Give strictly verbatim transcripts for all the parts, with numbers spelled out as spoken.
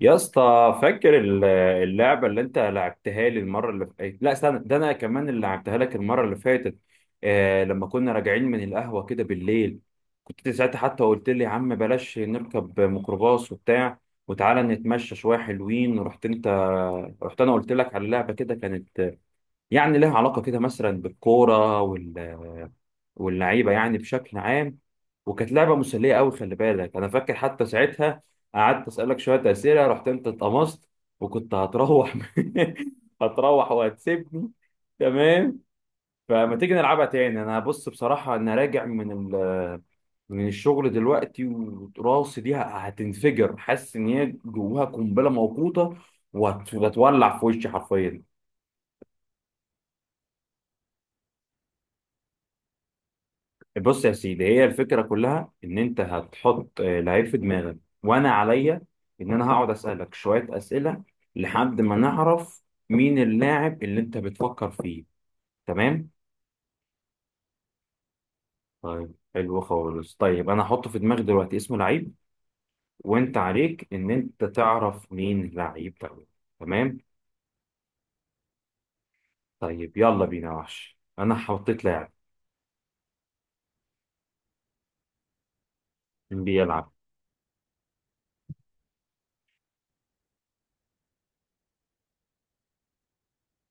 يا اسطى، فاكر ال- اللعبة اللي انت لعبتها لي المرة اللي فاتت. لا استنى، ده انا كمان اللي لعبتها لك المرة اللي فاتت. آه، لما كنا راجعين من القهوة كده بالليل، كنت انت ساعتها حتى قلت لي يا عم بلاش نركب ميكروباص وبتاع وتعالى نتمشى شوية حلوين، ورحت انت، رحت انا قلت لك على لعبة كده كانت يعني لها علاقة كده مثلا بالكورة وال واللعيبة يعني بشكل عام. وكانت لعبة مسلية قوي، خلي بالك أنا فاكر حتى ساعتها قعدت أسألك شوية أسئلة، رحت أنت اتقمصت وكنت هتروح. هتروح وهتسيبني. تمام. فما تيجي نلعبها تاني؟ أنا بص بصراحة أنا راجع من ال من الشغل دلوقتي، وراسي دي هتنفجر، حاسس إن هي جواها قنبلة موقوتة وهتولع في وشي حرفيا. بص يا سيدي، هي الفكرة كلها إن أنت هتحط آه، لعيب في دماغك، وأنا عليا إن أنا هقعد أسألك شوية أسئلة لحد ما نعرف مين اللاعب اللي أنت بتفكر فيه. تمام؟ طيب حلو خالص. طيب أنا هحط في دماغي دلوقتي اسم لعيب، وأنت عليك إن أنت تعرف مين اللعيب ده. تمام؟ طيب يلا بينا يا وحش، أنا حطيت لاعب. بيلعب.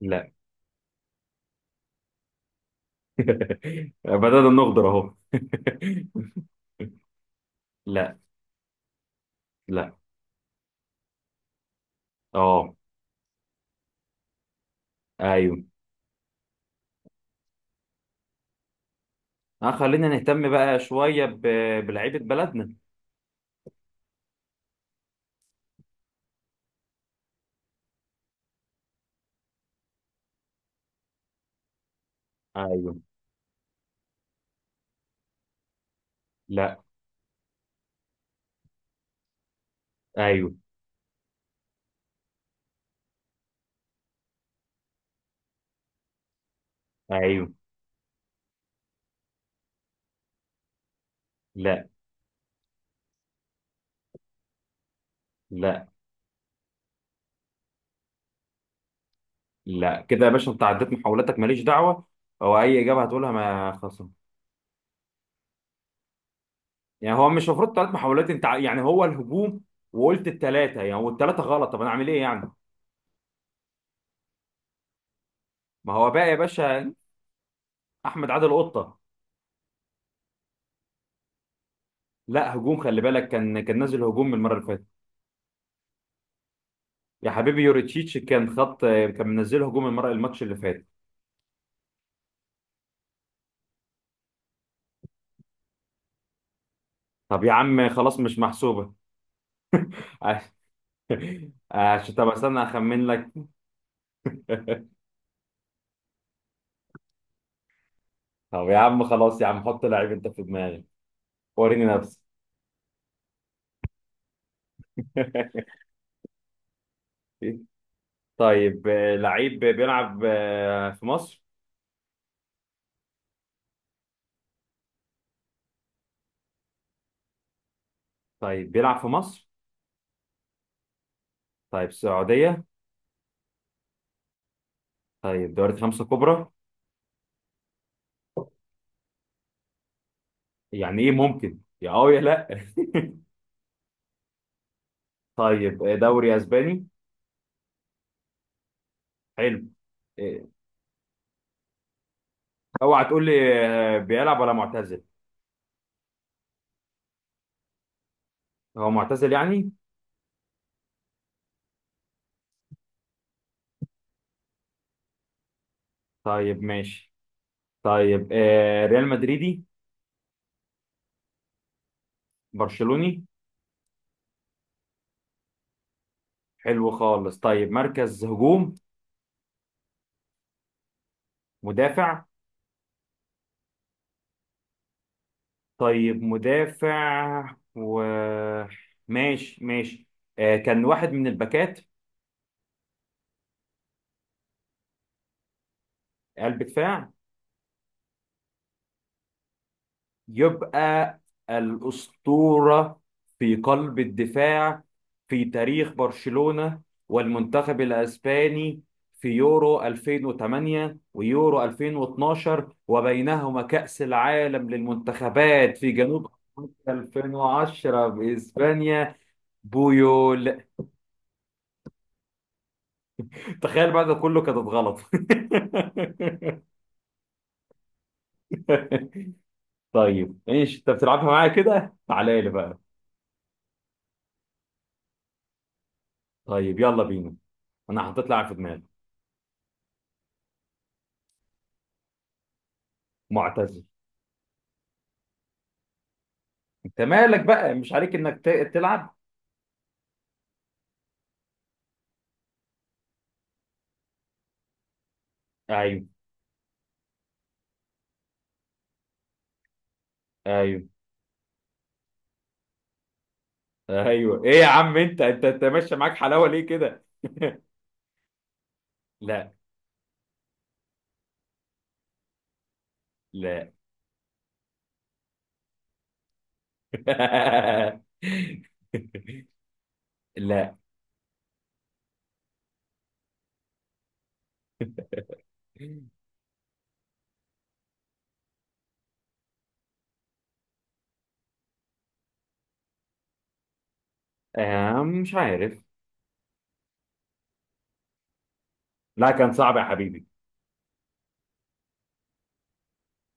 لا. بدأنا نغدر أهو. لا. لا. أه. ايوه. آه خلينا نهتم بقى شوية ب... بلعيبة بلدنا. ايوه. لا. ايوه. ايوه. لا. لا. لا كده يا باشا، انت عديت محاولاتك ماليش دعوة، هو اي اجابة هتقولها ما خسر. يعني هو مش المفروض ثلاث محاولات؟ انت ع- يعني هو الهجوم وقلت الثلاثة يعني، والثلاثة غلط، طب انا اعمل ايه يعني؟ ما هو بقى يا باشا، احمد عادل قطة. لا هجوم، خلي بالك، كان كان نازل هجوم من المرة اللي فاتت. يا حبيبي يوريتشيتش كان خط، كان منزل هجوم المرة الماتش اللي فات. طب يا عم خلاص مش محسوبة. عشان طب استنى اخمن لك. طب يا عم خلاص يا عم، حط لعيب انت في دماغك وريني نفسك. طيب آه، لعيب بيلعب آه، في مصر؟ طيب بيلعب في مصر؟ طيب السعودية؟ طيب دوري خمسة كبرى؟ يعني ايه ممكن، يا اه يا لا. طيب آه، دوري اسباني؟ حلو. آه، اوعى تقول لي آه، بيلعب ولا معتزل؟ هو معتزل يعني. طيب ماشي. طيب آه، ريال مدريدي؟ برشلوني؟ حلو خالص. طيب مركز هجوم؟ مدافع؟ طيب مدافع و، ماشي ماشي. آه كان واحد من الباكات؟ قلب دفاع؟ يبقى الأسطورة في قلب الدفاع في تاريخ برشلونة والمنتخب الأسباني في يورو ألفين وتمانية ويورو ألفين واتناشر وبينهما كأس العالم للمنتخبات في جنوب أفريقيا ألفين وعشرة بإسبانيا. بويول. تخيل بعد ده كله كانت غلط. طيب ايش انت بتلعبها معايا كده؟ تعالى لي بقى. طيب يلا بينا، انا حطيت لاعب في دماغي. معتزل. انت مالك بقى، مش عليك انك ت- تلعب. ايوه. ايوه. ايوه ايه يا عم، انت انت انت ماشي معاك حلاوه ليه كده؟ لا. لا. لا. آه، مش عارف. لا كان صعب يا حبيبي.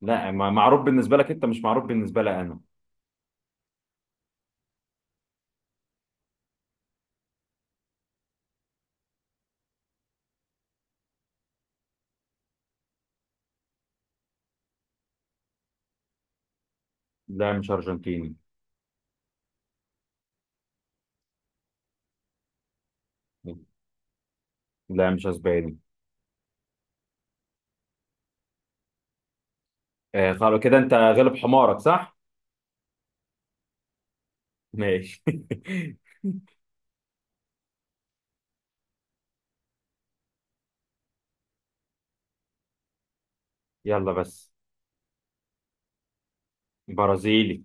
لا ما- معروف بالنسبه لك انت، مش معروف بالنسبه لي انا. لا مش أرجنتيني. لا مش أسباني. آه خلاص كده أنت غلب حمارك، صح؟ ماشي. يلا بس. برازيلي.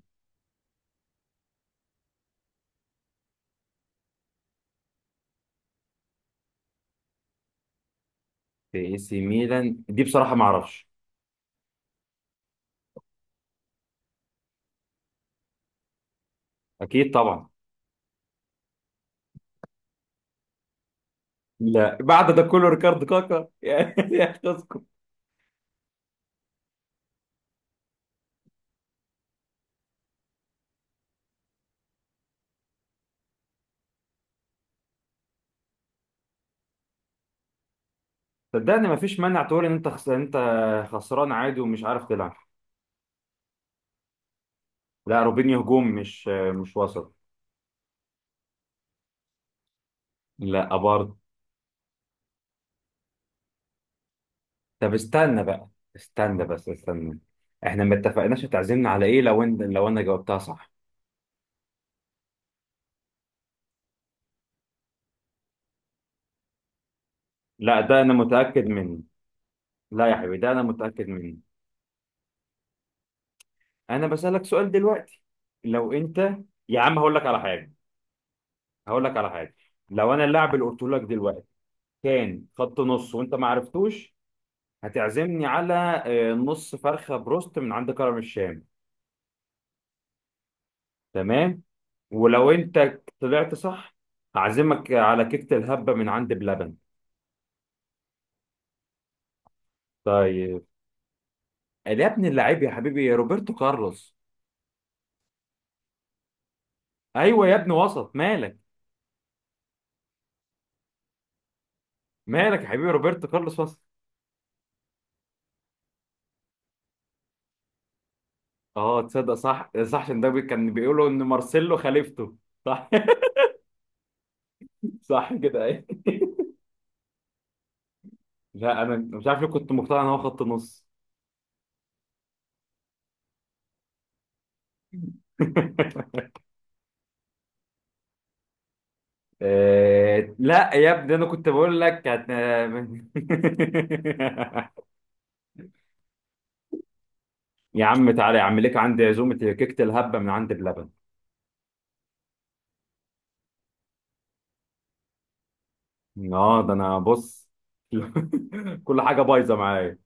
في اي سي ميلان دي بصراحة ما أعرفش. أكيد طبعا. لا بعد ده كله ريكارد كاكا؟ يا يا تذكر. صدقني ما فيش مانع تقول إن أنت خس... أنت خسران عادي ومش عارف تلعب. لا روبينيو هجوم، مش مش وسط. لا برضه. طب استنى بقى، استنى بس استنى، احنا ما اتفقناش هتعزمنا على ايه لو ان... لو انا جاوبتها صح. لا ده انا متاكد منه. لا يا حبيبي ده انا متاكد منه. انا بسالك سؤال دلوقتي، لو انت، يا عم هقول لك على حاجه. هقول لك على حاجه. لو انا اللاعب اللي قلت لك دلوقتي كان خط نص وانت ما عرفتوش، هتعزمني على آه، نص فرخه بروست من عند كرم الشام. تمام. ولو انت طلعت صح، هعزمك على كيكه الهبه من عند بلبن. طيب، يا ابن اللعيب يا حبيبي يا روبرتو كارلوس. ايوه يا ابن وسط، مالك؟ مالك يا حبيبي، روبرتو كارلوس وسط. اه تصدق صح، صح، عشان ده بي- كان بيقولوا ان مارسيلو خليفته. صح. صح كده ايه. لا انا مش عارف ليه كنت مقتنع ان هو خط نص. آه، لا يا ابني انا كنت بقول لك هت... يا عم تعالى يا عم، ليك عندي عزومه كيكه الهبه من عند بلبن. اه ده انا بص. كل حاجه بايظه معايا.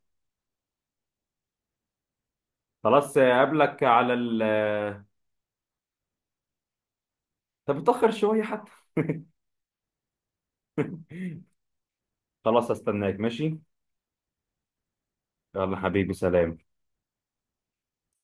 خلاص اقابلك على ال. طب اتاخر شويه حتى. خلاص استناك، ماشي. يلا حبيبي سلام.